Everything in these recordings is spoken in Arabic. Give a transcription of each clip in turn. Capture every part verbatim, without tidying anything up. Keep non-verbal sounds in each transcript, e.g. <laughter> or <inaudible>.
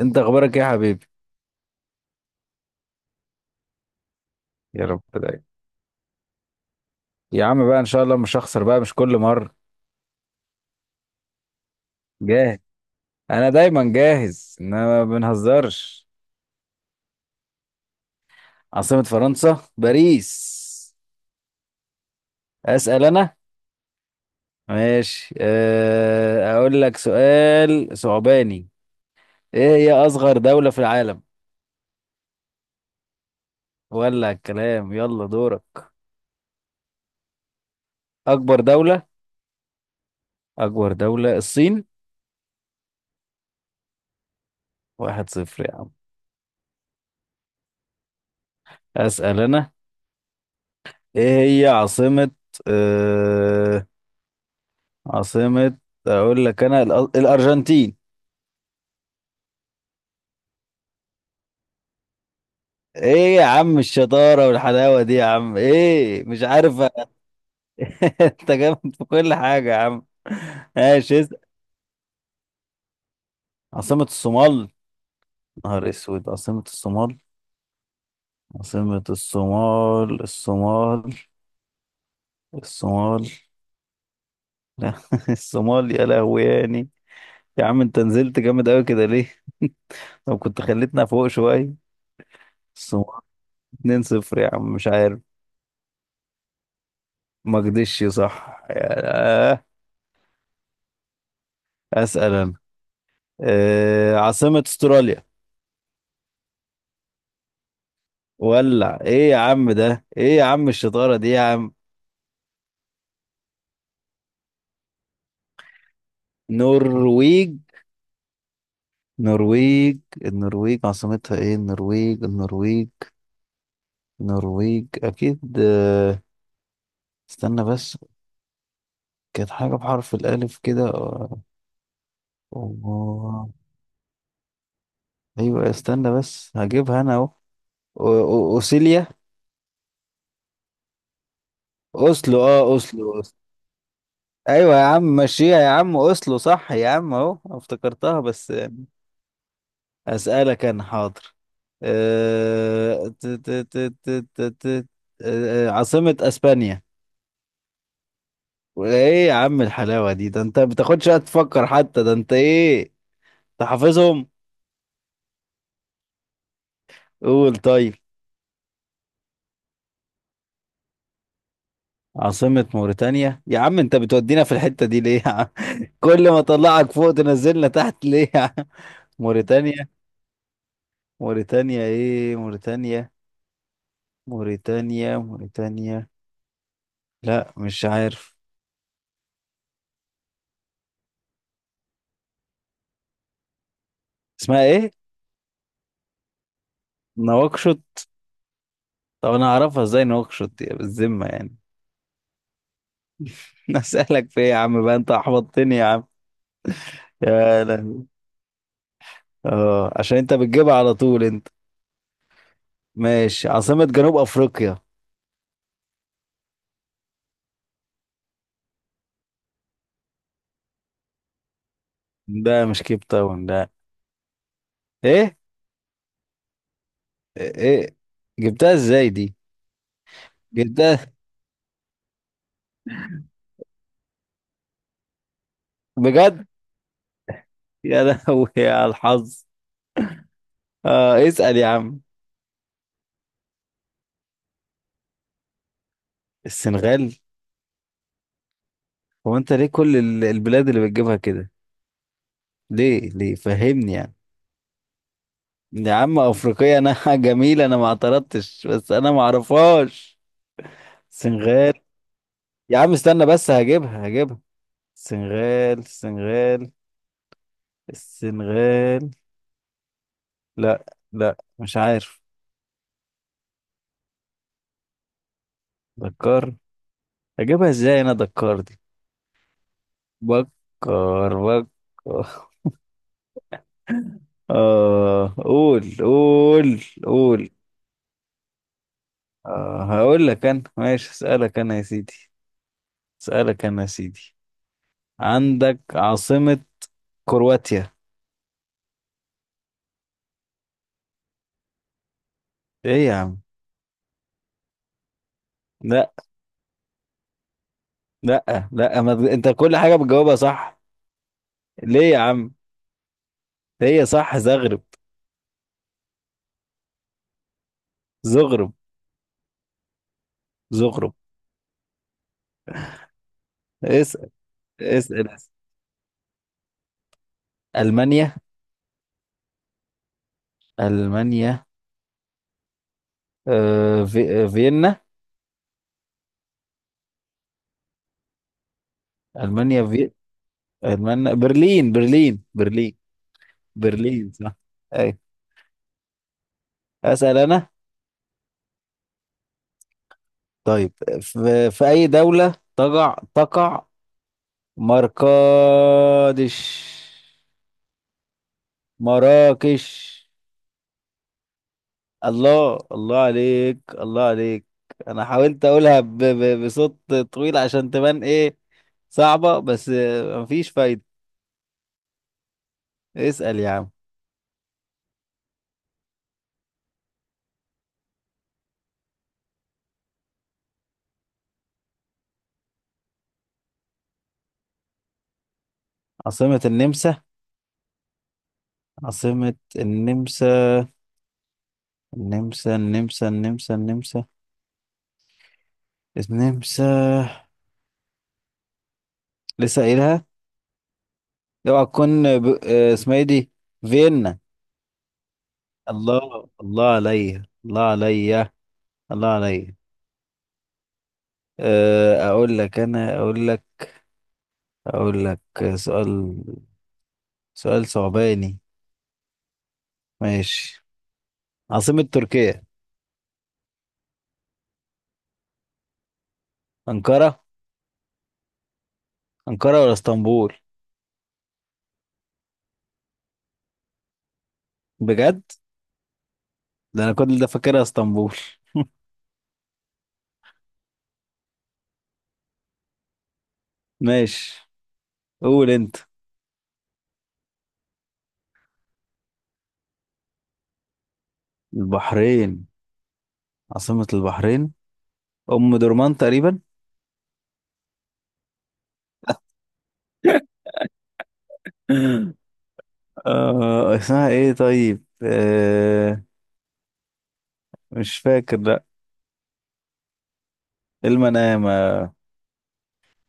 انت اخبارك ايه يا حبيبي؟ يا رب دايما. يا عم بقى ان شاء الله مش هخسر بقى، مش كل مره. جاهز. انا دايما جاهز إن انا ما بنهزرش. عاصمة فرنسا باريس. اسال انا. ماشي، أه، اقول لك سؤال صعباني. ايه هي اصغر دولة في العالم؟ ولا الكلام. يلا دورك. اكبر دولة. اكبر دولة الصين. واحد صفر يا عم. اسال انا. ايه هي عاصمة أه عاصمة. اقول لك انا الأ- الارجنتين. ايه يا عم الشطارة والحلاوة دي يا عم، ايه، مش عارف. <laughs> انت جامد في كل حاجة يا عم. ماشي، اسأل. عاصمة الصومال. نهار اسود، عاصمة الصومال. عاصمة الصومال، الصومال. الصومال. لا، <laughs> الصومال يا لهوي يعني. يا عم انت نزلت جامد قوي كده ليه؟ <laughs> طب كنت خليتنا فوق شوية. الصومال. اتنين صفر يا عم، مش عارف. ما كدش صح يا- آه. اسأل انا. آه، عاصمة استراليا؟ ولع، ايه يا عم ده، ايه يا عم الشطارة دي يا عم. نرويج، نرويج، النرويج عاصمتها ايه؟ النرويج، النرويج. النرويج اكيد آه، استنى بس. كانت حاجة بحرف الالف كده آه، آه، ايوه، استنى بس، هجيبها انا اهو أو- أو- اوسيليا. اوسلو، اه اوسلو، أوسلو. ايوه يا عم مشيها يا عم، اوسلو صح يا عم، اهو افتكرتها بس. أسألك أنا، حاضر. أه... ت- ت- ت- ت- ت- ت- آه، آه، عاصمة أسبانيا؟ وإيه يا عم الحلاوة دي، ده أنت ما بتاخدش وقت تفكر حتى، ده أنت إيه؟ أنت حافظهم. قول، طيب. عاصمة موريتانيا يا عم، أنت بتودينا في الحتة دي ليه يا عم؟ <laughs> كل ما أطلعك فوق تنزلنا تحت ليه يا عم؟ موريتانيا. موريتانيا إيه، موريتانيا. موريتانيا، موريتانيا. لا، مش عارف. اسمها إيه؟ نواكشوط. طب انا اعرفها ازاي نوكشوت، يا بالذمه يعني. <laughs> اسالك في ايه يا عم بقى، انت احبطتني يا عم. يا لهوي. اه، عشان انت بتجيبها على طول انت. ماشي، عاصمة جنوب افريقيا؟ ده مش كيب تاون ده. ايه؟ ايه؟ جبتها ازاي دي؟ جبتها. بجد؟ يا لهوي يا الحظ. اه، اسال يا عم. السنغال. هو انت ليه كل ال- البلاد اللي بتجيبها كده؟ ليه، ليه، فهمني يعني. يا عم افريقيا انا، <laughs> جميل، انا ما اعترضتش بس انا ما اعرفهاش. سنغال. يا عم استنى بس هجيبها، هجيبها. سنغال، سنغال. السنغال. لا. لا، مش عارف. دكار. هجيبها ازاي انا دكار دي؟ بكر، بكر. اه، قول، قول، قول. آه هقول لك انا ماشي، اسالك انا يا سيدي. اسالك انا يا سيدي. عندك عاصمة. كرواتيا. ايه يا عم؟ لا لا لا، ما... انت كل حاجة بتجاوبها صح. ليه يا عم؟ هي صح زغرب. زغرب. زغرب. اسأل، اسأل، اسأل. ألمانيا. ألمانيا. آه في... آه، فيينا. ألمانيا في. ألمانيا برلين، برلين، برلين. برلين صح. أي. أسأل أنا. طيب. في... في أي دولة تقع تقع مراكش؟ مراكش. الله الله عليك، الله عليك. أنا حاولت أقولها ب... ب... بصوت طويل عشان تبان إيه؟ صعبة بس، آه، مفيش فايدة. اسأل يا عم. عاصمة النمسا؟ عاصمة النمسا. النمسا، النمسا، النمسا، النمسا. النمسا. لسه قايلها. اوعى تكون ب... آه، اسمها ايه دي؟ فيينا. الله الله عليا، الله عليا. الله عليا. آه، اقول لك انا، اقول لك. اقول لك. سؤال. سؤال صعباني. ماشي. عاصمة تركيا؟ أنقرة. أنقرة ولا اسطنبول؟ بجد؟ ده انا كل ده فاكرها اسطنبول. ماشي. قول انت. البحرين. عاصمة البحرين. أم درمان تقريبا. <laughs> آه اسمها إيه طيب آه مش فاكر، لأ. إيه، المنامة؟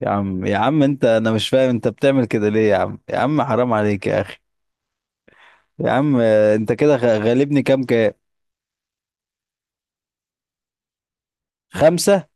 يا عم يا عم أنت أنا مش فاهم، أنت بتعمل كده ليه يا عم يا عم؟ حرام عليك يا أخي. يا عم آه، أنت كده غ- غالبني كام كام؟ خمسة.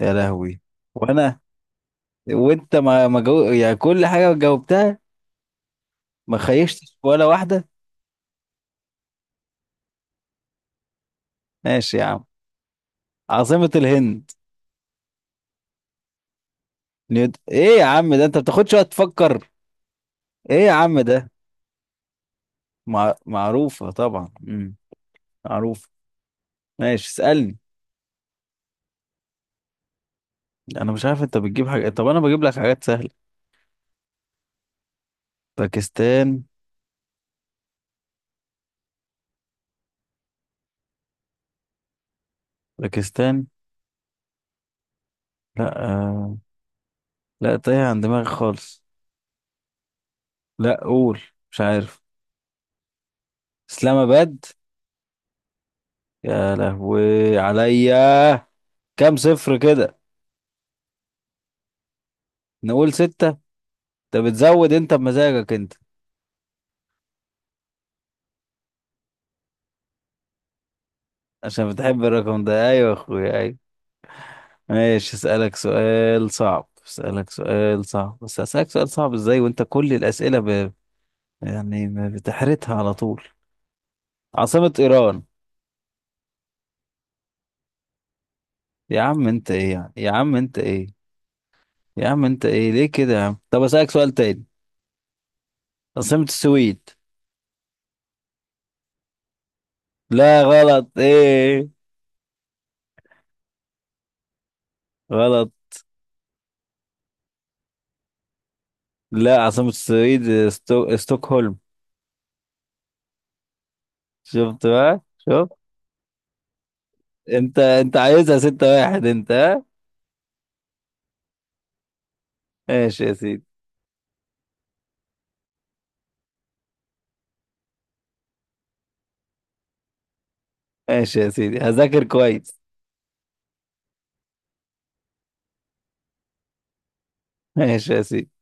يا لهوي. وأنا. وأنت ما ما جو... يعني، كل حاجة جاوبتها. ما خيشتش ولا واحدة. ماشي يا عم. عاصمة الهند؟ نيود... إيه يا عم ده، أنت بتاخدش وقت تفكر؟ إيه يا عم ده؟ مع... معروفة طبعا. مم. معروفة. ماشي، اسألني. انا مش عارف انت بتجيب حاجة، طب انا بجيب لك حاجات سهلة. باكستان. باكستان. لا آه... لا تايه عن دماغي خالص. لا، قول. مش عارف. اسلام اباد. يا لهوي عليا. كام صفر كده؟ نقول ستة. انت بتزود، انت بمزاجك انت. عشان بتحب الرقم ده، ايوه يا اخويا، ايوه. ماشي، اسألك سؤال صعب، اسألك سؤال صعب، بس اسألك سؤال صعب ازاي وانت كل الأسئلة ب... يعني ما بتحرتها على طول. عاصمة إيران؟ يا عم أنت إيه يعني، يا عم أنت إيه؟ يا عم أنت إيه، ليه كده يا عم، طب أسألك سؤال تاني. عاصمة السويد؟ لا، غلط إيه؟ غلط. لا، عاصمة السويد استو... ستوكهولم. شفت بقى، شفت. أنت أنت عايزها ستة واحد أنت، ها؟ ماشي يا سيدي. ماشي يا سيدي، هذاكر كويس. ماشي يا سيدي.